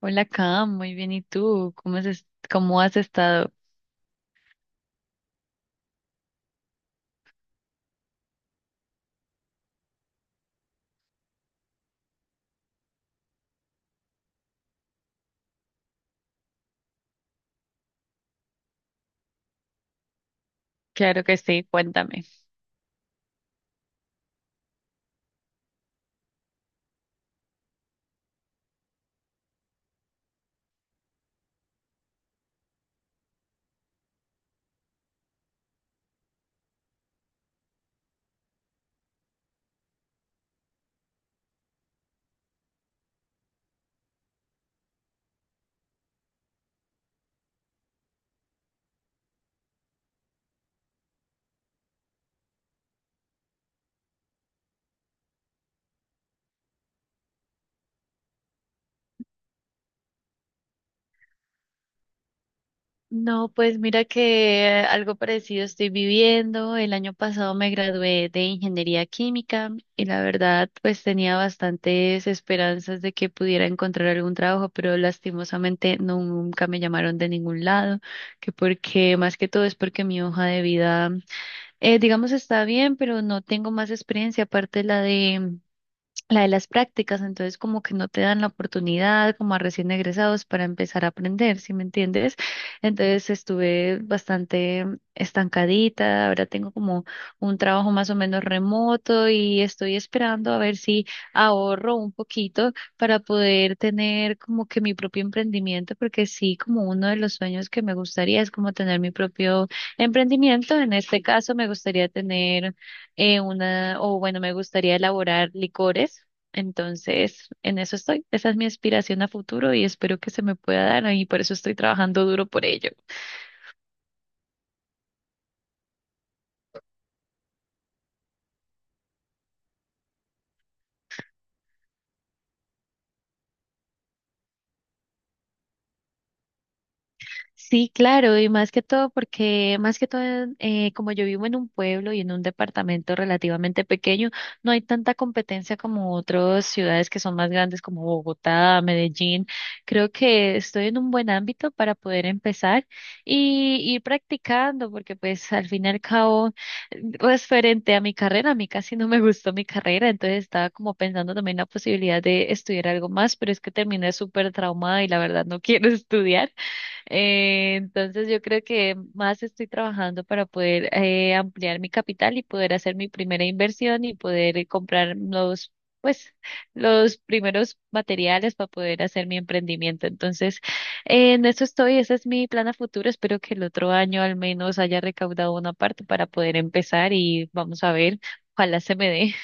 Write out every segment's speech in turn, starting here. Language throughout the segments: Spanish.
Hola, Cam, muy bien. ¿Y tú? ¿Cómo has estado? Claro que sí, cuéntame. No, pues mira que algo parecido estoy viviendo. El año pasado me gradué de ingeniería química y la verdad, pues tenía bastantes esperanzas de que pudiera encontrar algún trabajo, pero lastimosamente nunca me llamaron de ningún lado, que porque más que todo es porque mi hoja de vida, digamos, está bien, pero no tengo más experiencia aparte de la de las prácticas, entonces como que no te dan la oportunidad como a recién egresados para empezar a aprender, ¿sí me entiendes? Entonces estuve bastante estancadita, ahora tengo como un trabajo más o menos remoto y estoy esperando a ver si ahorro un poquito para poder tener como que mi propio emprendimiento, porque sí, como uno de los sueños que me gustaría es como tener mi propio emprendimiento. En este caso me gustaría tener me gustaría elaborar licores. Entonces, en eso estoy. Esa es mi aspiración a futuro y espero que se me pueda dar y por eso estoy trabajando duro por ello. Sí, claro, y más que todo porque, más que todo, como yo vivo en un pueblo y en un departamento relativamente pequeño, no hay tanta competencia como otras ciudades que son más grandes como Bogotá, Medellín. Creo que estoy en un buen ámbito para poder empezar y ir practicando, porque pues al fin y al cabo, referente a mi carrera, a mí casi no me gustó mi carrera, entonces estaba como pensando también la posibilidad de estudiar algo más, pero es que terminé súper traumada y la verdad no quiero estudiar. Entonces yo creo que más estoy trabajando para poder ampliar mi capital y poder hacer mi primera inversión y poder comprar los, pues, los primeros materiales para poder hacer mi emprendimiento. Entonces, en eso estoy, ese es mi plan a futuro. Espero que el otro año al menos haya recaudado una parte para poder empezar y vamos a ver, ojalá se me dé.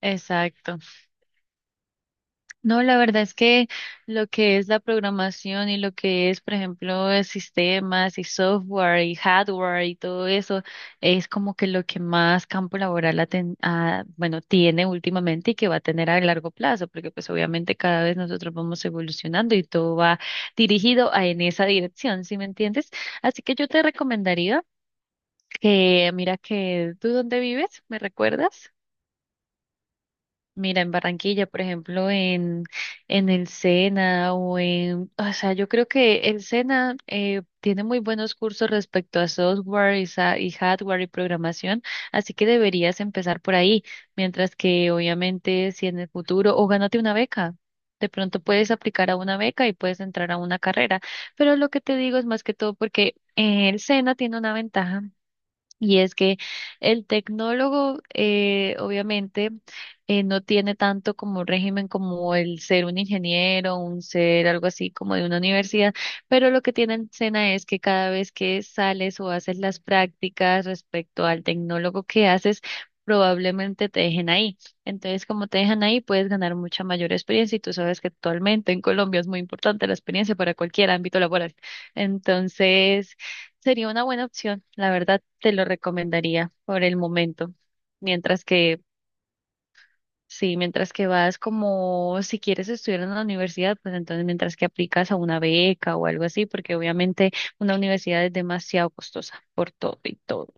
Exacto. No, la verdad es que lo que es la programación y lo que es, por ejemplo, sistemas y software y hardware y todo eso es como que lo que más campo laboral bueno, tiene últimamente y que va a tener a largo plazo, porque pues obviamente cada vez nosotros vamos evolucionando y todo va dirigido a, en esa dirección, ¿sí me entiendes? Así que yo te recomendaría que, mira que tú dónde vives, ¿me recuerdas? Mira, en Barranquilla, por ejemplo, en el Sena o en, o sea, yo creo que el Sena tiene muy buenos cursos respecto a software y, y hardware y programación, así que deberías empezar por ahí, mientras que obviamente si en el futuro, o gánate una beca. De pronto puedes aplicar a una beca y puedes entrar a una carrera, pero lo que te digo es más que todo porque el SENA tiene una ventaja y es que el tecnólogo, obviamente, no tiene tanto como régimen como el ser un ingeniero, un ser algo así como de una universidad, pero lo que tiene en Sena es que cada vez que sales o haces las prácticas respecto al tecnólogo que haces, probablemente te dejen ahí. Entonces, como te dejan ahí, puedes ganar mucha mayor experiencia y tú sabes que actualmente en Colombia es muy importante la experiencia para cualquier ámbito laboral. Entonces... sería una buena opción, la verdad te lo recomendaría por el momento. Mientras que, sí, mientras que vas, como si quieres estudiar en la universidad, pues entonces mientras que aplicas a una beca o algo así, porque obviamente una universidad es demasiado costosa por todo y todo.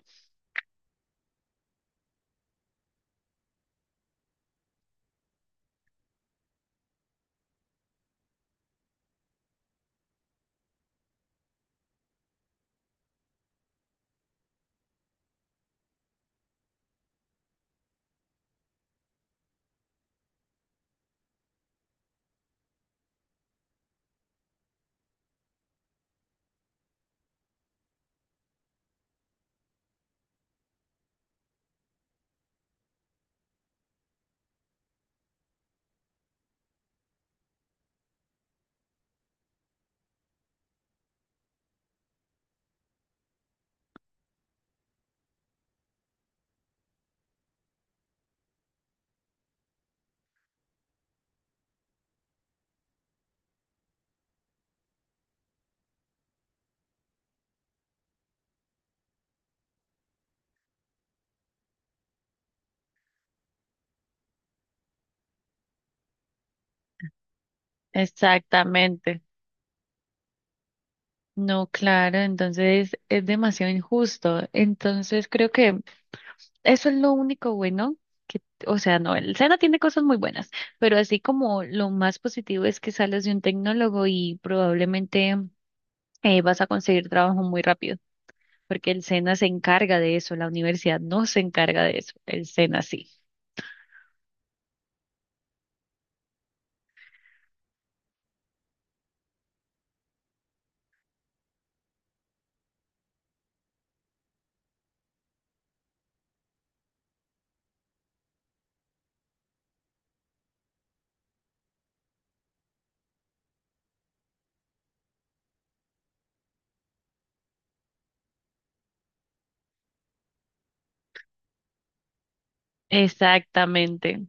Exactamente. No, claro, entonces es demasiado injusto. Entonces creo que eso es lo único bueno que, o sea, no, el SENA tiene cosas muy buenas, pero así como lo más positivo es que sales de un tecnólogo y probablemente vas a conseguir trabajo muy rápido, porque el SENA se encarga de eso, la universidad no se encarga de eso, el SENA sí. Exactamente.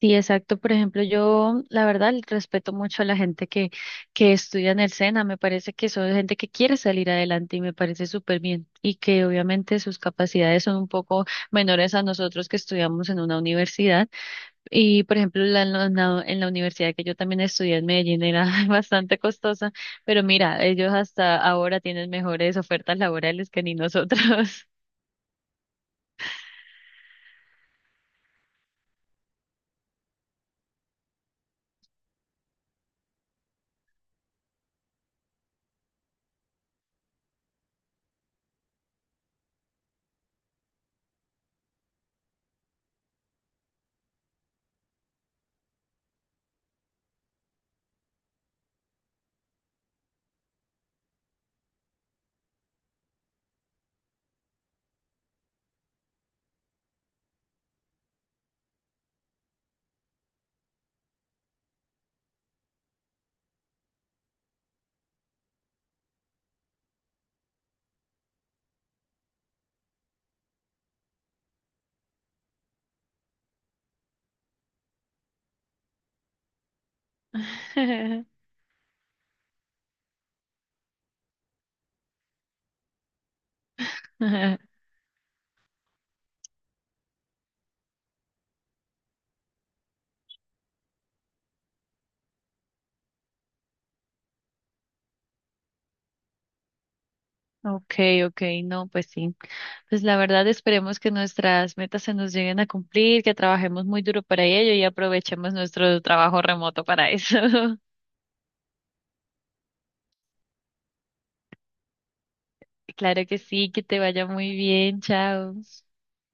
Sí, exacto. Por ejemplo, yo la verdad respeto mucho a la gente que estudia en el SENA. Me parece que son gente que quiere salir adelante y me parece súper bien. Y que obviamente sus capacidades son un poco menores a nosotros que estudiamos en una universidad. Y por ejemplo, en la universidad que yo también estudié en Medellín era bastante costosa. Pero mira, ellos hasta ahora tienen mejores ofertas laborales que ni nosotros. Okay, okay, no, pues sí. Pues la verdad esperemos que nuestras metas se nos lleguen a cumplir, que trabajemos muy duro para ello y aprovechemos nuestro trabajo remoto para eso. Claro que sí, que te vaya muy bien, chao.